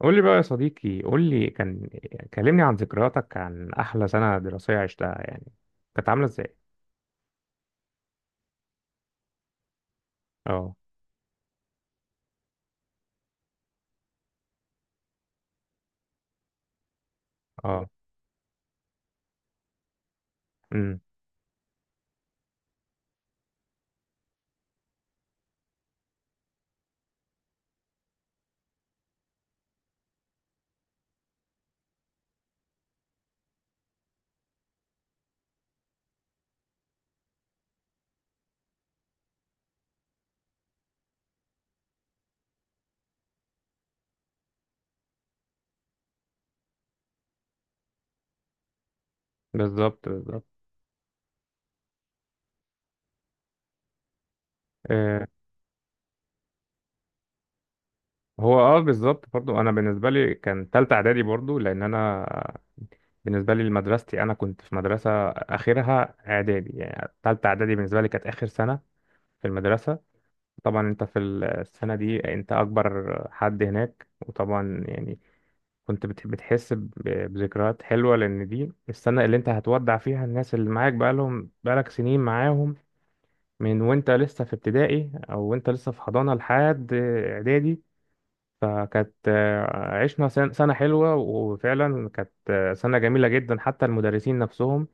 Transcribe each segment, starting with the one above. قول لي بقى يا صديقي، قول لي كان كلمني عن ذكرياتك عن احلى سنة دراسية عشتها يعني، كانت عاملة ازاي؟ اه. اه. امم. بالظبط، بالظبط. آه. هو بالظبط، برضو انا بالنسبة لي كان تالتة اعدادي، برضو لان انا بالنسبة لي لمدرستي انا كنت في مدرسة اخرها اعدادي، يعني تالتة اعدادي بالنسبة لي كانت اخر سنة في المدرسة. طبعا انت في السنة دي انت اكبر حد هناك، وطبعا يعني كنت بتحس بذكريات حلوة، لأن دي السنة اللي أنت هتودع فيها الناس اللي معاك بقالهم بقالك سنين معاهم، من وأنت لسه في ابتدائي أو وأنت لسه في حضانة لحد إعدادي. فكانت عشنا سنة حلوة، وفعلا كانت سنة جميلة جدا، حتى المدرسين نفسهم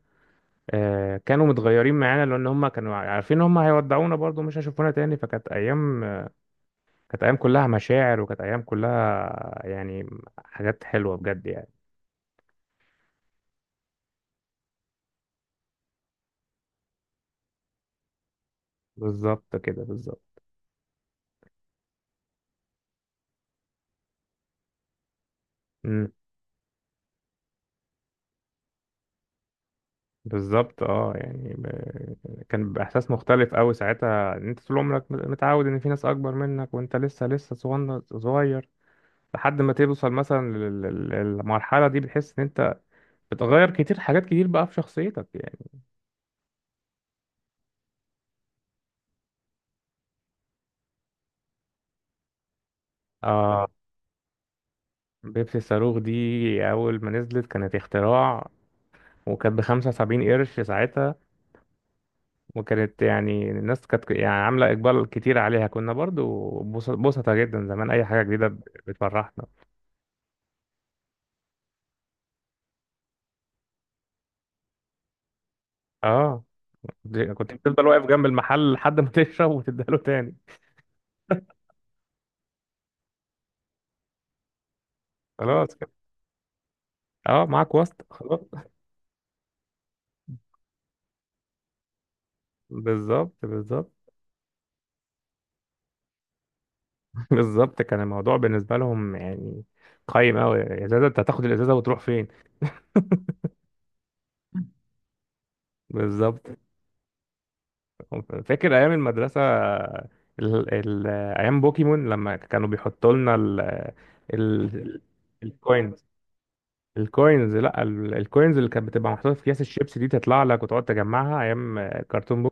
كانوا متغيرين معانا، لأن هم كانوا عارفين هم هيودعونا برضو مش هيشوفونا تاني. فكانت أيام كانت أيام كلها مشاعر، وكانت أيام كلها يعني حاجات حلوة بجد يعني. بالظبط كده، بالظبط. مم. بالظبط يعني كان بيبقى احساس مختلف قوي ساعتها، ان انت طول عمرك متعود ان في ناس اكبر منك وانت لسه صغير، لحد ما توصل مثلا للمرحله دي، بتحس ان انت بتغير كتير، حاجات كتير بقى في شخصيتك يعني. اه. بيبسي الصاروخ دي اول ما نزلت كانت اختراع، وكانت بـ75 قرش ساعتها. وكانت يعني الناس كانت يعني عاملة إقبال كتير عليها، كنا برضو بوسطة جدا زمان أي حاجة جديدة بتفرحنا. اه، كنت بتفضل واقف جنب المحل لحد ما تشرب وتديها له تاني. خلاص كده. اه، معاك واسطة خلاص. بالظبط، بالظبط. بالظبط، كان الموضوع بالنسبة لهم يعني قايم أوي، إزازة أنت هتاخد الإزازة وتروح فين؟ بالظبط. فاكر أيام المدرسة، ال... ال... أيام بوكيمون لما كانوا بيحطوا لنا ال... الكوينز. لا، الكوينز اللي كانت بتبقى محطوطة في أكياس الشيبس دي، تطلع لك وتقعد تجمعها. أيام كرتون.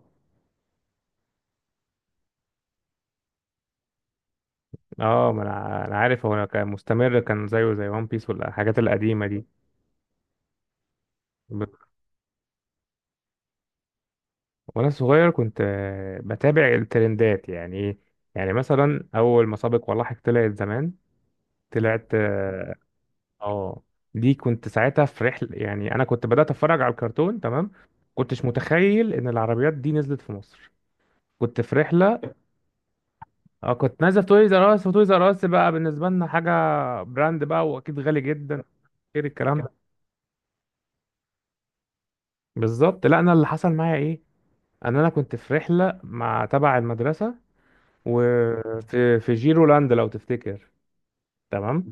اه، ما انا انا عارف، هو أنا كان مستمر، كان زيه زي وان بيس والحاجات القديمه دي. ب- وانا صغير كنت بتابع الترندات يعني ايه، يعني مثلا اول ما سابق ولاحق طلعت زمان، طلعت. اه. آه. دي كنت ساعتها في رحله يعني، انا كنت بدات اتفرج على الكرتون تمام. كنتش متخيل ان العربيات دي نزلت في مصر. كنت في رحله. اه، كنت نازل في تويز ار اس، وتويز ار اس بقى بالنسبه لنا حاجه، براند بقى واكيد غالي جدا. غير الكلام ده. بالظبط. لا، انا اللي حصل معايا ايه، ان انا كنت في رحله مع تبع المدرسه، وفي جيرولاند لو تفتكر. تمام.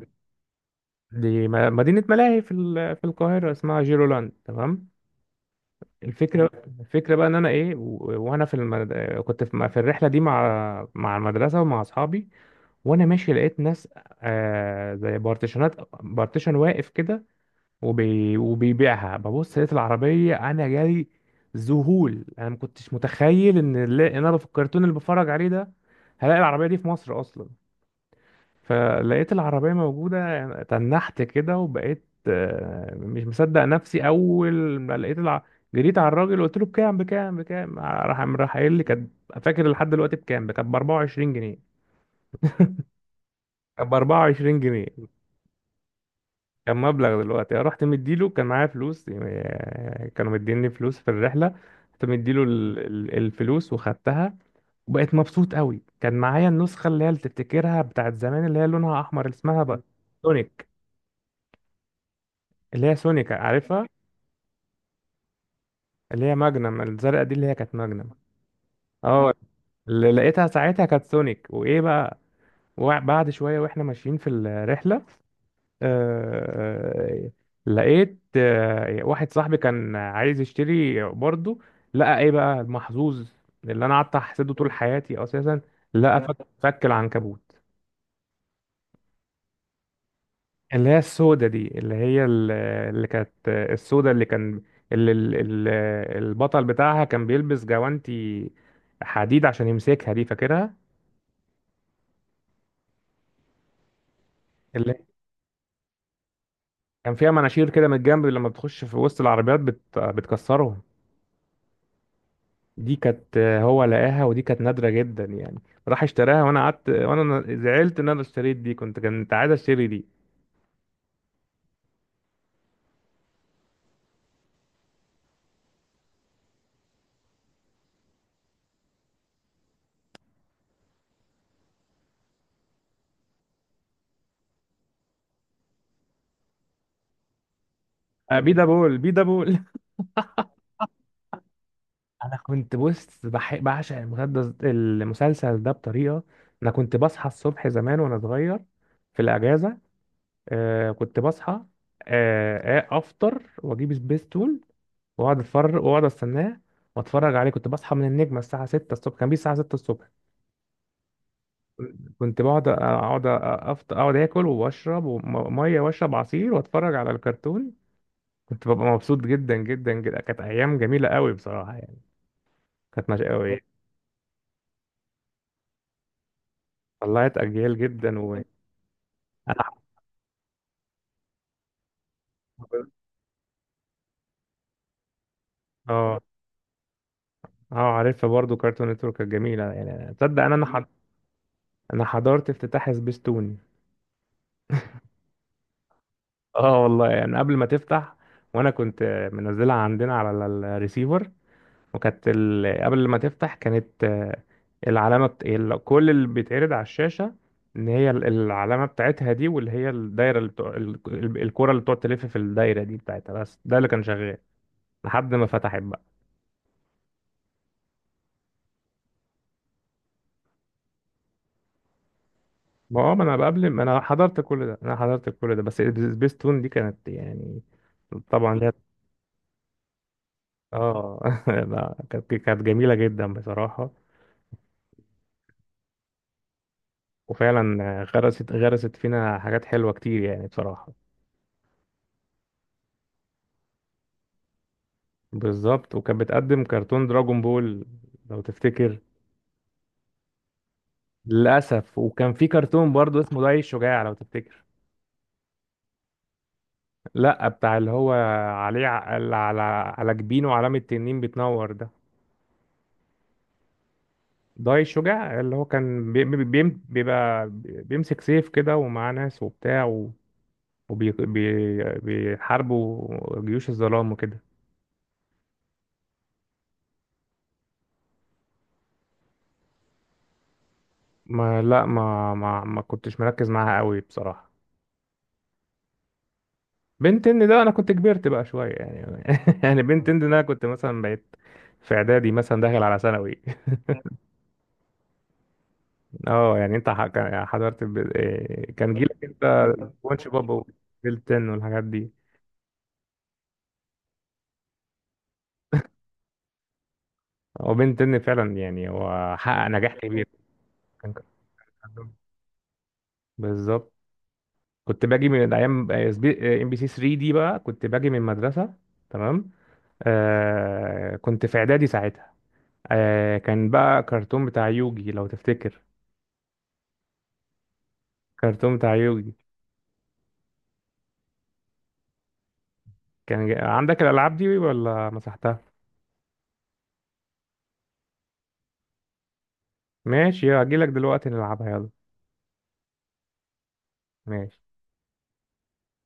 دي مدينه ملاهي في القاهره اسمها جيرولاند، تمام. الفكره، بقى ان انا ايه، وانا في كنت في الرحله دي مع المدرسه ومع اصحابي. وانا ماشي لقيت ناس زي بارتيشنات، بارتيشن واقف كده، وبيبيعها. ببص لقيت العربية، أنا جالي ذهول، أنا ما كنتش متخيل إن إن أنا في الكرتون اللي بتفرج عليه ده هلاقي العربية دي في مصر أصلا. فلقيت العربية موجودة يعني تنحت كده، وبقيت مش مصدق نفسي. أول ما لقيت جريت على الراجل، قلت له بكام بكام بكام، راح قايل لي كانت، فاكر لحد دلوقتي بكام، كانت ب 24 جنيه. كانت ب 24 جنيه. كان مبلغ دلوقتي. رحت مديله، كان معايا فلوس، يعني كانوا مديني فلوس في الرحلة. رحت مديله الفلوس وخدتها، وبقيت مبسوط قوي. كان معايا النسخة اللي هي اللي تفتكرها بتاعت زمان، اللي هي لونها أحمر، اللي اسمها بقى سونيك. اللي هي سونيك، عارفها. اللي هي ماجنم، الزرقاء دي اللي هي كانت ماجنم. اه. اللي لقيتها ساعتها كانت سونيك. وإيه بقى، وبعد شوية وإحنا ماشيين في الرحلة آه، آه، لقيت واحد صاحبي كان عايز يشتري برضه، لقى ايه بقى المحظوظ اللي انا قعدت احسده طول حياتي اساسا؟ لقى فك العنكبوت. اللي هي السودة دي، اللي هي اللي كانت السودة، اللي كان اللي ال- ال- البطل بتاعها كان بيلبس جوانتي حديد عشان يمسكها دي، فاكرها؟ اللي كان فيها مناشير كده من الجنب، لما بتخش في وسط العربيات بتكسرهم. دي كانت هو لقاها، ودي كانت نادرة جدا يعني. راح اشتراها، وانا قعدت وانا زعلت ان انا اشتريت دي، كنت عايز اشتري دي. آه، بيدا بول، بيدا بول انا كنت بص بعشق المسلسل ده بطريقة. انا كنت بصحى الصبح زمان وانا صغير في الاجازة. آه كنت بصحى، افطر واجيب سبيستول، واقعد اتفرج واقعد استناه واتفرج عليه. كنت بصحى من النجمة الساعة 6 الصبح، كان بيه الساعة 6 الصبح. كنت بقعد، اقعد اكل واشرب ميه، واشرب عصير واتفرج على الكرتون. كنت ببقى مبسوط جدا جدا جدا، كانت ايام جميله قوي بصراحه يعني، كانت مش قوي. طلعت اجيال جدا وانا. اه. اه، عارفها برضو كارتون نتورك كانت جميله يعني، تصدق انا حض... انا حضرت افتتاح سبيستون. اه والله، يعني قبل ما تفتح وانا كنت منزلها عندنا على الريسيفر، وكانت قبل ما تفتح كانت العلامة كل اللي بيتعرض على الشاشة ان هي العلامة بتاعتها دي، واللي هي الدايرة، اللي الكرة اللي بتقعد تلف في الدايرة دي بتاعتها، بس ده اللي كان شغال لحد ما فتحت بقى. ما هو، ما انا قبل ما انا حضرت كل ده، انا حضرت كل ده، بس سبيستون دي كانت يعني طبعا ليها. اه. لا، كانت جميلة جدا بصراحة. وفعلا غرست فينا حاجات حلوة كتير يعني بصراحة. بالظبط، وكانت بتقدم كرتون دراجون بول لو تفتكر. للأسف. وكان في كرتون برضو اسمه داي الشجاع لو تفتكر. لا، بتاع اللي هو عليه اللي على على جبينه علامة تنين بتنور ده. داي الشجاع اللي هو كان بيبقى بيمسك سيف كده ومعاه ناس وبتاع، وبيحاربوا جيوش الظلام وكده. ما لا ما ما ما كنتش مركز معاها قوي بصراحة. بنتين ده انا كنت كبرت بقى شويه يعني، يعني بنتين ده انا كنت مثلا بقيت في اعدادي مثلا داخل على ثانوي. اه يعني انت يعني حضرت إيه، كان جيلك انت سبونج بوب وبنتين والحاجات دي. هو بنتين فعلا يعني، هو حقق نجاح كبير. كان، كان- بالظبط. كنت باجي من ايام ام بي سي 3 دي، بقى كنت باجي من المدرسه تمام. آه كنت في اعدادي ساعتها. آه كان بقى كرتون بتاع يوجي لو تفتكر، كرتون بتاع يوجي. كان عندك الألعاب دي ولا مسحتها؟ ماشي، هجيلك دلوقتي نلعبها يلا. ماشي.